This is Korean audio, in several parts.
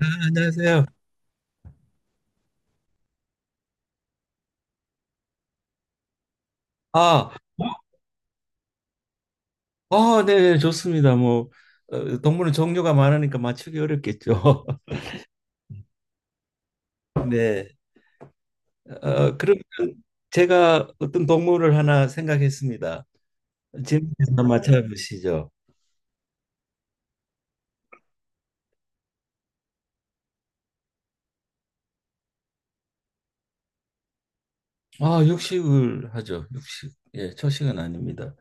아, 안녕하세요. 아, 아, 네, 네, 좋습니다. 뭐 동물은 종류가 많으니까 맞추기 어렵겠죠. 네. 그러면 제가 어떤 동물을 하나 생각했습니다. 질문서 한번 맞춰보시죠. 아, 육식을 하죠. 육식. 예, 초식은 아닙니다.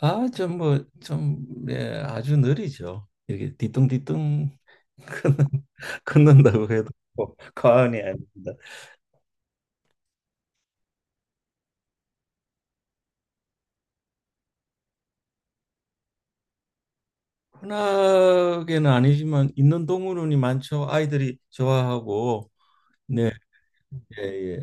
아, 좀 뭐, 좀, 예, 아주 느리죠. 이렇게 뒤뚱뒤뚱 걷는다고 해도 뭐 과언이 아닙니다. 흔하게는 아니지만 있는 동물원이 많죠. 아이들이 좋아하고, 네, 예, 예.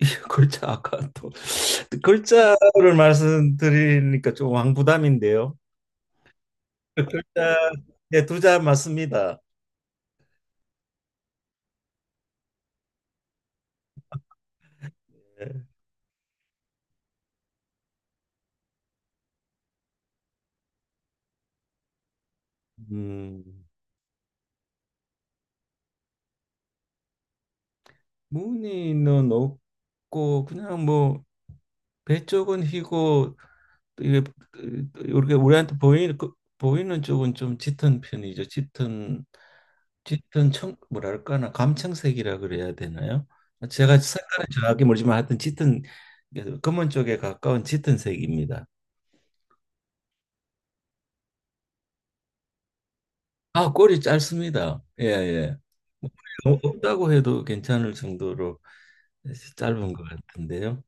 글자 아까 또 글자를 말씀드리니까 좀 왕부담인데요. 글자 예, 두자 맞습니다. 예. 음, 무늬는 없고 그냥 뭐 배 쪽은 희고 또 이게 이렇게 우리한테 보이는 쪽은 좀 짙은 편이죠. 짙은 청 뭐랄까나 감청색이라 그래야 되나요? 제가 색깔은 정확히 모르지만 하여튼 짙은 검은 쪽에 가까운 짙은 색입니다. 아, 꼬리 짧습니다. 예, 예. 너무 없다고 해도 괜찮을 정도로 짧은 것 같은데요.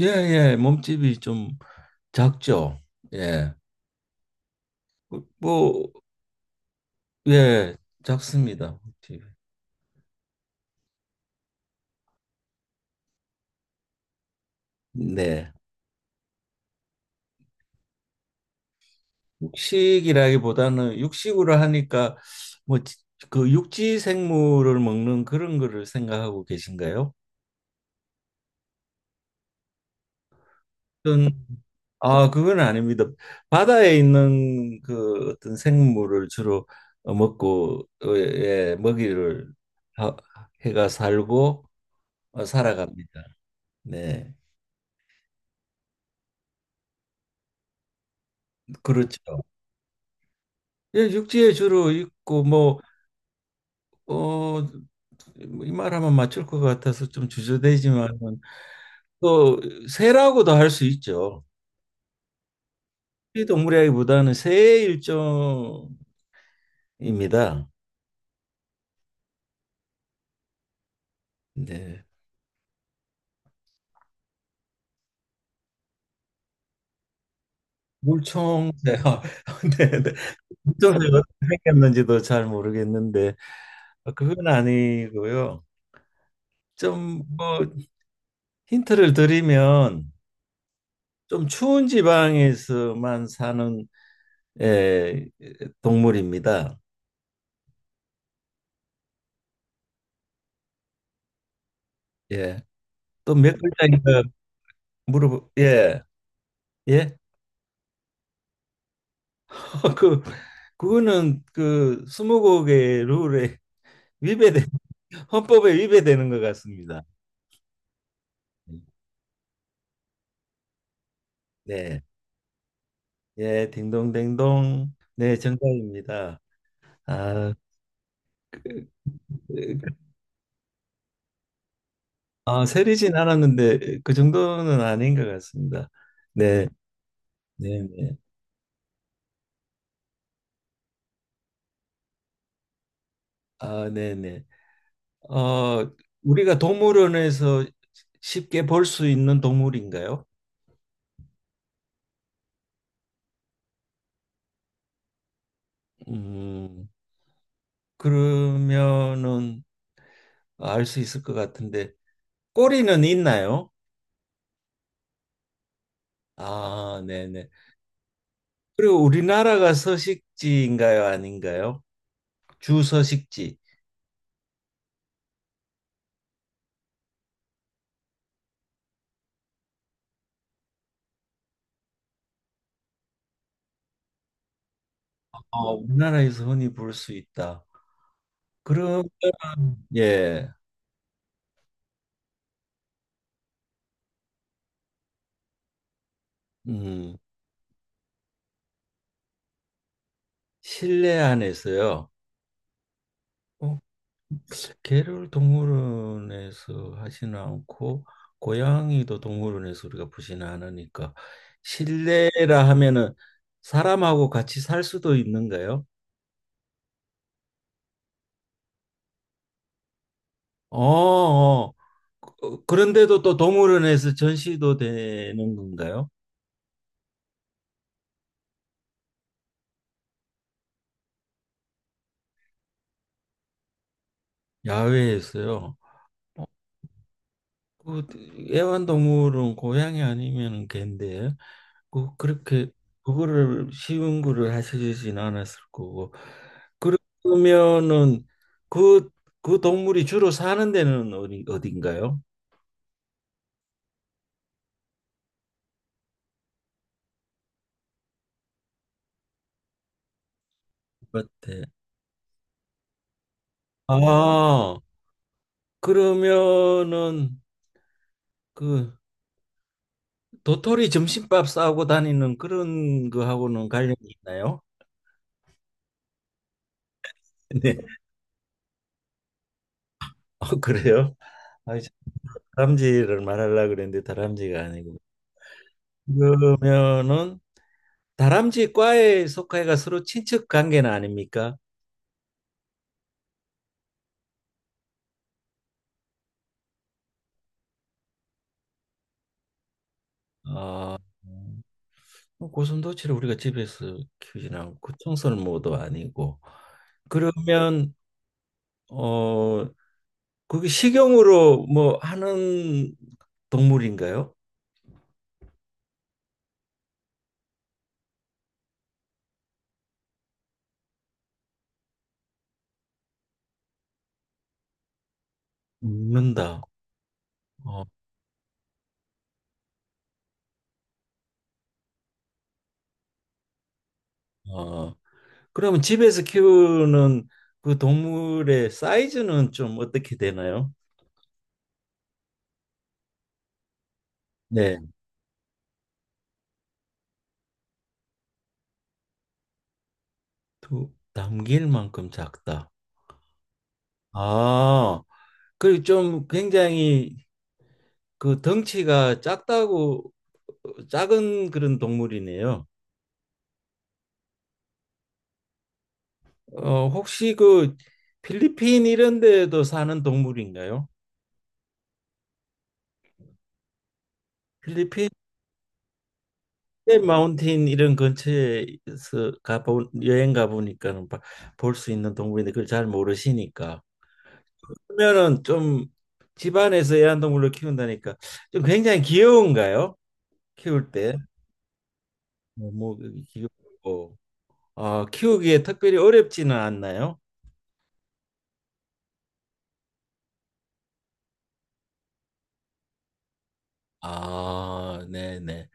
예, 예. 몸집이 좀 작죠. 예. 뭐, 예, 작습니다. 몸집이. 네. 육식이라기보다는 육식으로 하니까 뭐 그 육지 생물을 먹는 그런 거를 생각하고 계신가요? 어떤 아 그건 아닙니다. 바다에 있는 그 어떤 생물을 주로 먹고 예, 먹이를 하- 해가 살고 살아갑니다. 네, 그렇죠. 예, 육지에 주로 있고 뭐 어 이 말하면 맞출 것 같아서 좀 주저되지만 또 새라고도 할 수 있죠. 동물이라기보다는 새의 일종입니다. 네. 물총새요. 네, 네. 물총새가 어떻게 생겼는지도 잘 모르겠는데 그건 아니고요. 좀 뭐 힌트를 드리면 좀 추운 지방에서만 사는, 예, 동물입니다. 예. 또 몇 글자인가 물어보 예. 예. 그 그거는 그 스무고개 룰에 위배된, 헌법에 위배되는 것 같습니다. 네, 예, 딩동댕동. 네, 정답입니다. 아, 아, 세리진 않았는데 그 정도는 아닌 것 같습니다. 네, 네, 네. 아, 네, 네. 어, 우리가 동물원에서 쉽게 볼 수 있는 동물인가요? 음, 그러면은 알 수 있을 것 같은데 꼬리는 있나요? 아, 네, 네. 그리고 우리나라가 서식지인가요, 아닌가요? 주 서식지. 우리나라에서 흔히 볼 수 있다. 그러면, 예, 음, 실내 안에서요. 어, 개를 동물원에서 하지는 않고 고양이도 동물원에서 우리가 보지는 않으니까 실내라 하면은 사람하고 같이 살 수도 있는가요? 어, 어. 그런데도 또 동물원에서 전시도 되는 건가요? 야외에서요. 그 애완동물은 고양이 아니면은 개인데 그 그렇게 그거를 쉬운 거를 하시진 않았을 거고 그러면은 그 그 동물이 주로 사는 데는 어디 어딘가요? 밭에. 아 그러면은 그 도토리 점심밥 싸고 다니는 그런 거하고는 관련이 있나요? 네. 그래요? 아, 다람쥐를 말하려고 그랬는데 다람쥐가 아니고. 그러면은 다람쥐 과에 속하여가 서로 친척 관계는 아닙니까? 아, 고슴도치를 우리가 집에서 키우진 않고 청설모도 아니고 그러면 어 그게 식용으로 뭐 하는 동물인가요? 먹는다. 어, 어. 그러면 집에서 키우는 그 동물의 사이즈는 좀 어떻게 되나요? 네. 담길 만큼 작다. 아, 그리고 좀 굉장히 그 덩치가 작다고 작은 그런 동물이네요. 혹시 그 필리핀 이런 데에도 사는 동물인가요? 필리핀 마운틴 이런 근처에서 가보 여행 가보니까는 볼 수 있는 동물인데 그걸 잘 모르시니까 그러면은 좀 집안에서 애완동물로 키운다니까 좀 굉장히 귀여운가요? 키울 때 너무 귀엽고 키우기에 특별히 어렵지는 않나요? 아, 네네.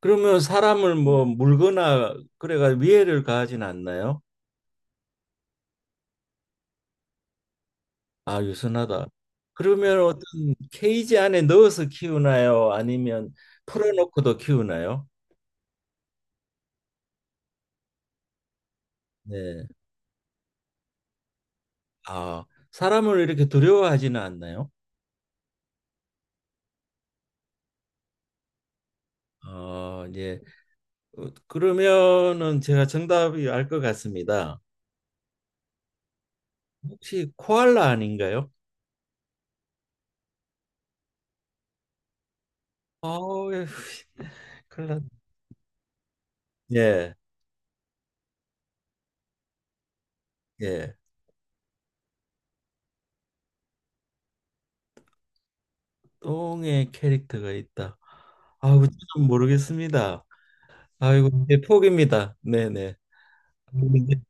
그러면 사람을 뭐 물거나 그래가 위해를 가하진 않나요? 아, 유순하다. 그러면 어떤 케이지 안에 넣어서 키우나요? 아니면 풀어놓고도 키우나요? 네. 아, 사람을 이렇게 두려워하지는 않나요? 어, 예. 그러면은 제가 정답이 알 것 같습니다. 혹시 코알라 아닌가요? 아, 예. 큰일 났- 예, 예. 똥에 캐릭터가 있다. 아우 좀 모르겠습니다. 아이고 이제 포기입니다. 네네. 근데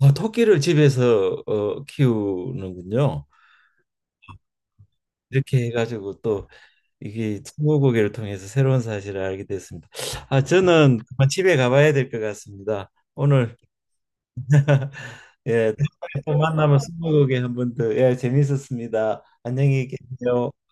아, 토끼를 집에서 키우는군요. 이렇게 해가지고 또 이게 스무고개를 통해서 새로운 사실을 알게 됐습니다. 아 저는 그만 집에 가봐야 될 것 같습니다. 오늘 예, 다음에 또 만나면 스무고개 한 번 더. 예, 재밌었습니다. 안녕히 계세요.